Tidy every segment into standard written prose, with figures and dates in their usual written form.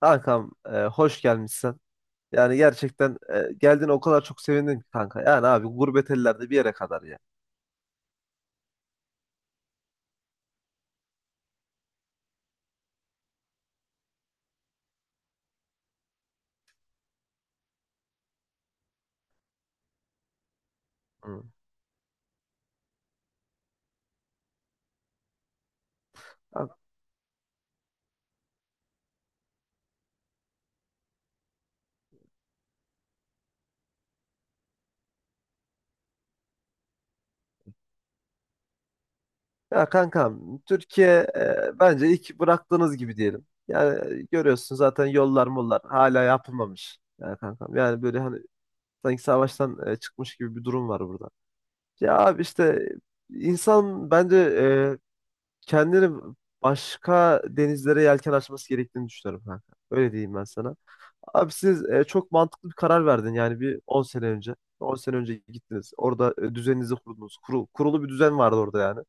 Kankam, hoş gelmişsin. Yani gerçekten geldiğine o kadar çok sevindim ki kanka. Yani abi gurbet ellerde bir yere kadar ya. Hı. Ya kankam, Türkiye bence ilk bıraktığınız gibi diyelim. Yani görüyorsun zaten yollar mollar hala yapılmamış. Yani kankam yani böyle hani sanki savaştan çıkmış gibi bir durum var burada. Ya abi işte insan bence kendini başka denizlere yelken açması gerektiğini düşünüyorum kanka. Öyle diyeyim ben sana. Abi siz çok mantıklı bir karar verdin yani bir 10 sene önce. 10 sene önce gittiniz. Orada düzeninizi kurdunuz. Kurulu bir düzen vardı orada yani.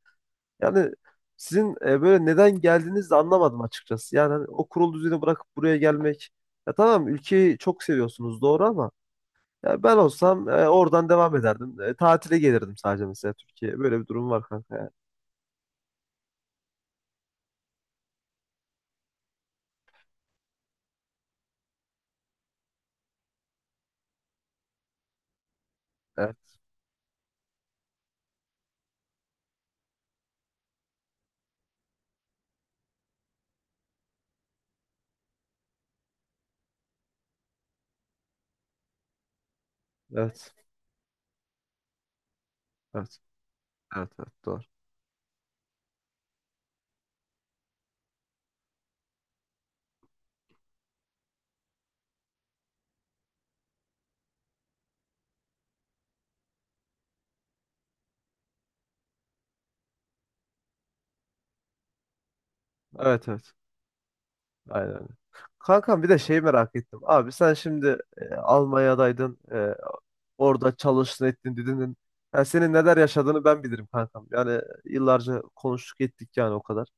Yani sizin böyle neden geldiğinizi de anlamadım açıkçası. Yani hani o kurulu düzeni bırakıp buraya gelmek. Ya tamam, ülkeyi çok seviyorsunuz doğru ama ya ben olsam oradan devam ederdim. Tatile gelirdim sadece mesela Türkiye'ye. Böyle bir durum var kanka, yani. Evet. Evet. Evet. Evet. Evet. Doğru. Evet. Evet. Aynen. Kankam bir de şeyi merak ettim. Abi sen şimdi Almanya'daydın. Orada çalıştın ettin dedin. Yani senin neler yaşadığını ben bilirim kankam. Yani yıllarca konuştuk ettik yani o kadar.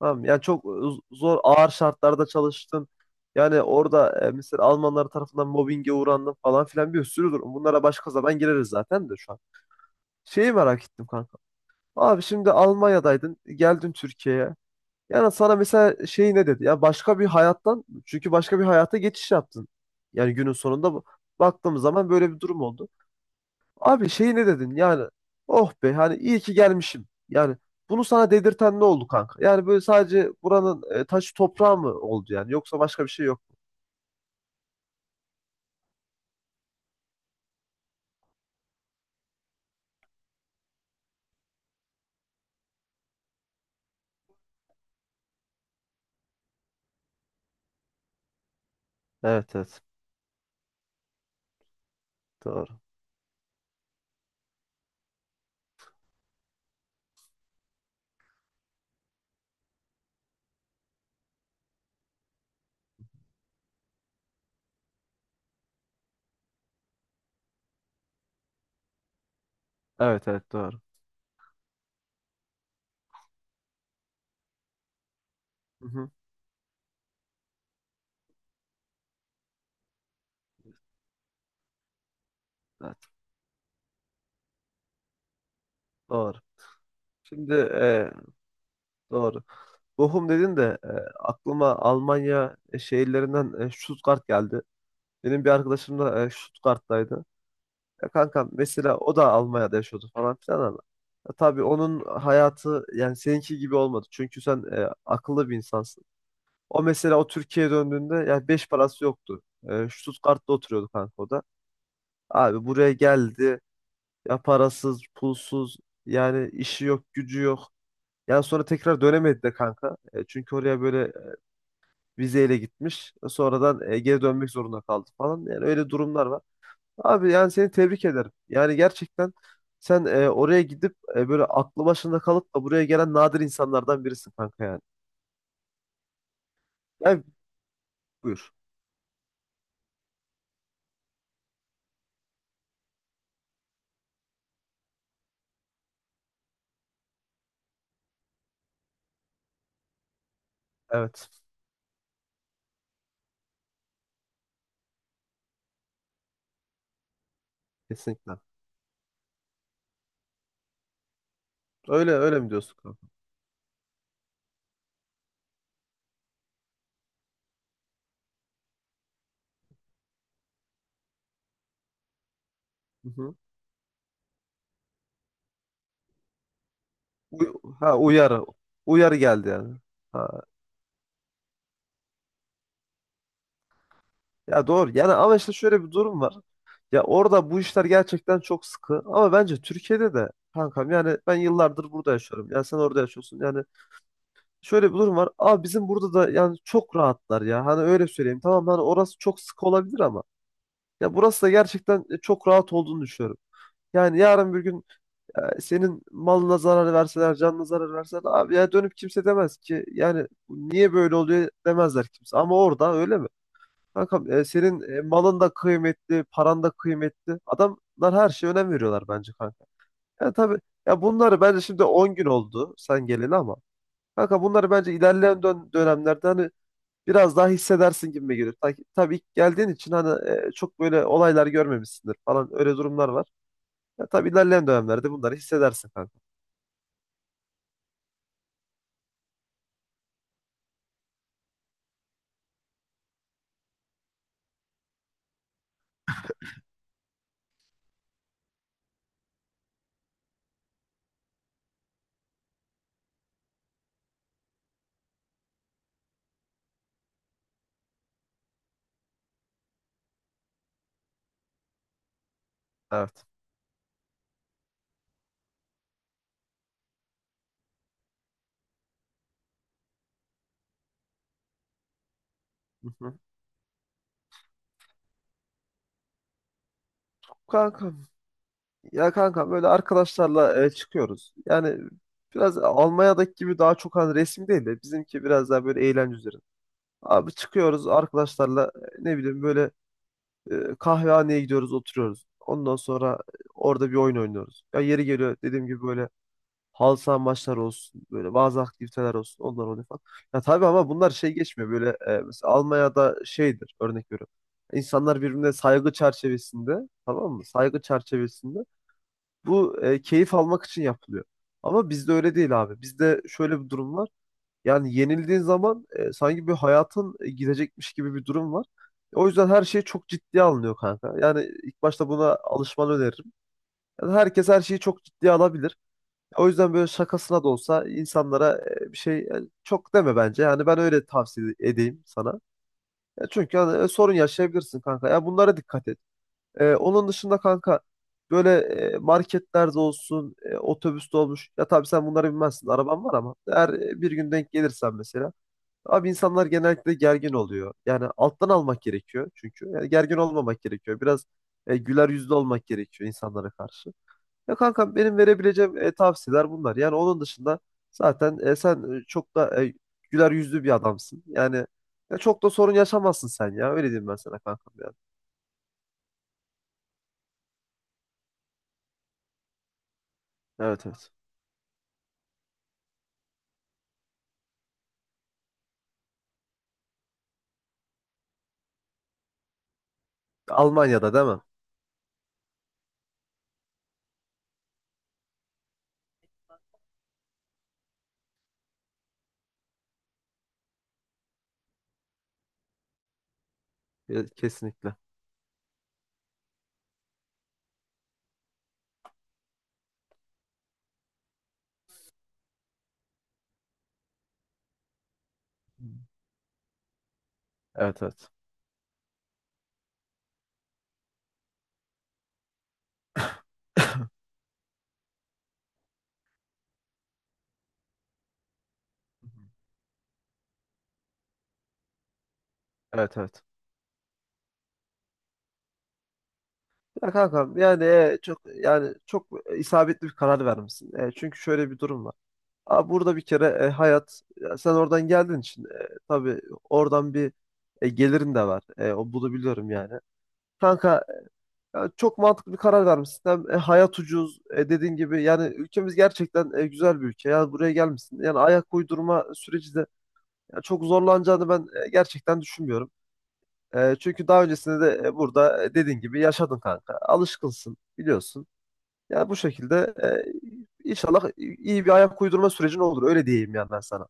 Tamam mı? Yani çok zor, ağır şartlarda çalıştın. Yani orada mesela Almanlar tarafından mobbinge uğrandın falan filan bir sürü durum. Bunlara başka zaman gireriz zaten de şu an. Şeyi merak ettim kanka. Abi şimdi Almanya'daydın, geldin Türkiye'ye. Yani sana mesela şey ne dedi? Ya başka bir hayattan, çünkü başka bir hayata geçiş yaptın. Yani günün sonunda baktığımız zaman böyle bir durum oldu. Abi şey ne dedin? Yani oh be, hani iyi ki gelmişim. Yani bunu sana dedirten ne oldu kanka? Yani böyle sadece buranın taşı toprağı mı oldu yani? Yoksa başka bir şey yok mu? Evet evet, doğru. Evet evet, doğru. Hı hı, evet doğru. Şimdi, doğru. Bochum dedin de aklıma Almanya şehirlerinden Stuttgart geldi. Benim bir arkadaşım da Stuttgart'taydı. Ya kankam, mesela o da Almanya'da yaşıyordu falan filan ama ya tabii onun hayatı yani seninki gibi olmadı. Çünkü sen akıllı bir insansın. O mesela o Türkiye'ye döndüğünde yani 5 parası yoktu. Stuttgart'ta oturuyordu kanka o da. Abi buraya geldi ya, parasız pulsuz, yani işi yok, gücü yok. Yani sonra tekrar dönemedi de kanka. Çünkü oraya böyle vizeyle gitmiş. Sonradan geri dönmek zorunda kaldı falan. Yani öyle durumlar var. Abi yani seni tebrik ederim. Yani gerçekten sen oraya gidip böyle aklı başında kalıp da buraya gelen nadir insanlardan birisin kanka yani. Yani buyur. Evet. Kesinlikle. Öyle öyle mi diyorsun kanka? Hı hı. Uy- ha, uyarı. Uyarı geldi yani. Ha, ya doğru. Yani ama işte şöyle bir durum var. Ya orada bu işler gerçekten çok sıkı. Ama bence Türkiye'de de kankam, yani ben yıllardır burada yaşıyorum. Ya sen orada yaşıyorsun. Yani şöyle bir durum var. Abi bizim burada da yani çok rahatlar ya. Hani öyle söyleyeyim. Tamam, hani orası çok sıkı olabilir ama ya burası da gerçekten çok rahat olduğunu düşünüyorum. Yani yarın bir gün senin malına zarar verseler, canına zarar verseler, abi ya dönüp kimse demez ki, yani niye böyle oluyor demezler kimse. Ama orada öyle mi? Kankam, senin malın da kıymetli, paran da kıymetli. Adamlar her şeye önem veriyorlar bence kanka. Yani tabii ya, bunları bence şimdi 10 gün oldu sen geleli ama kanka bunları bence ilerleyen dönemlerde hani biraz daha hissedersin gibi gelir. Tabii ilk geldiğin için hani çok böyle olaylar görmemişsindir falan, öyle durumlar var. Ya, tabii ilerleyen dönemlerde bunları hissedersin kanka. Evet. Hı hı. Kankam, ya kankam, böyle arkadaşlarla çıkıyoruz. Yani biraz Almanya'daki gibi daha çok hani resim değil de bizimki biraz daha böyle eğlence üzerine. Abi çıkıyoruz arkadaşlarla ne bileyim böyle kahvehaneye gidiyoruz, oturuyoruz. Ondan sonra orada bir oyun oynuyoruz. Ya yeri geliyor, dediğim gibi böyle halı saha maçları olsun, böyle bazı aktiviteler olsun, onlar oluyor falan. Ya tabii ama bunlar şey geçmiyor böyle, mesela Almanya'da şeydir, örnek veriyorum. İnsanlar birbirine saygı çerçevesinde, tamam mı? Saygı çerçevesinde bu keyif almak için yapılıyor. Ama bizde öyle değil abi. Bizde şöyle bir durum var. Yani yenildiğin zaman sanki bir hayatın gidecekmiş gibi bir durum var. O yüzden her şey çok ciddiye alınıyor kanka. Yani ilk başta buna alışmanı öneririm. Yani herkes her şeyi çok ciddiye alabilir. O yüzden böyle şakasına da olsa insanlara bir şey çok deme bence. Yani ben öyle tavsiye edeyim sana. Ya çünkü hani, sorun yaşayabilirsin kanka. Ya bunlara dikkat et. Onun dışında kanka böyle marketlerde olsun, otobüste olmuş. Ya tabii sen bunları bilmezsin. Araban var ama eğer bir gün denk gelirsen mesela. Abi insanlar genellikle gergin oluyor. Yani alttan almak gerekiyor çünkü. Yani gergin olmamak gerekiyor. Biraz güler yüzlü olmak gerekiyor insanlara karşı. Ya kanka, benim verebileceğim tavsiyeler bunlar. Yani onun dışında zaten sen çok da güler yüzlü bir adamsın. Yani ya çok da sorun yaşamazsın sen ya. Öyle diyeyim ben sana kankam, yani. Evet evet. Almanya'da değil mi? Kesinlikle. Evet evet. Evet evet. Ya kankam, yani çok, yani çok isabetli bir karar vermişsin. Çünkü şöyle bir durum var. Burada bir kere hayat ya, sen oradan geldiğin için tabii oradan bir gelirin de var. O, bunu biliyorum yani. Kanka, ya çok mantıklı bir karar vermişsin. Hem hayat ucuz dediğin gibi, yani ülkemiz gerçekten güzel bir ülke. Yani buraya gelmişsin. Yani ayak uydurma süreci de ya, çok zorlanacağını ben gerçekten düşünmüyorum. Çünkü daha öncesinde de burada dediğin gibi yaşadın kanka. Alışkınsın, biliyorsun. Yani bu şekilde inşallah iyi bir ayak uydurma sürecin olur. Öyle diyeyim yani ben sana.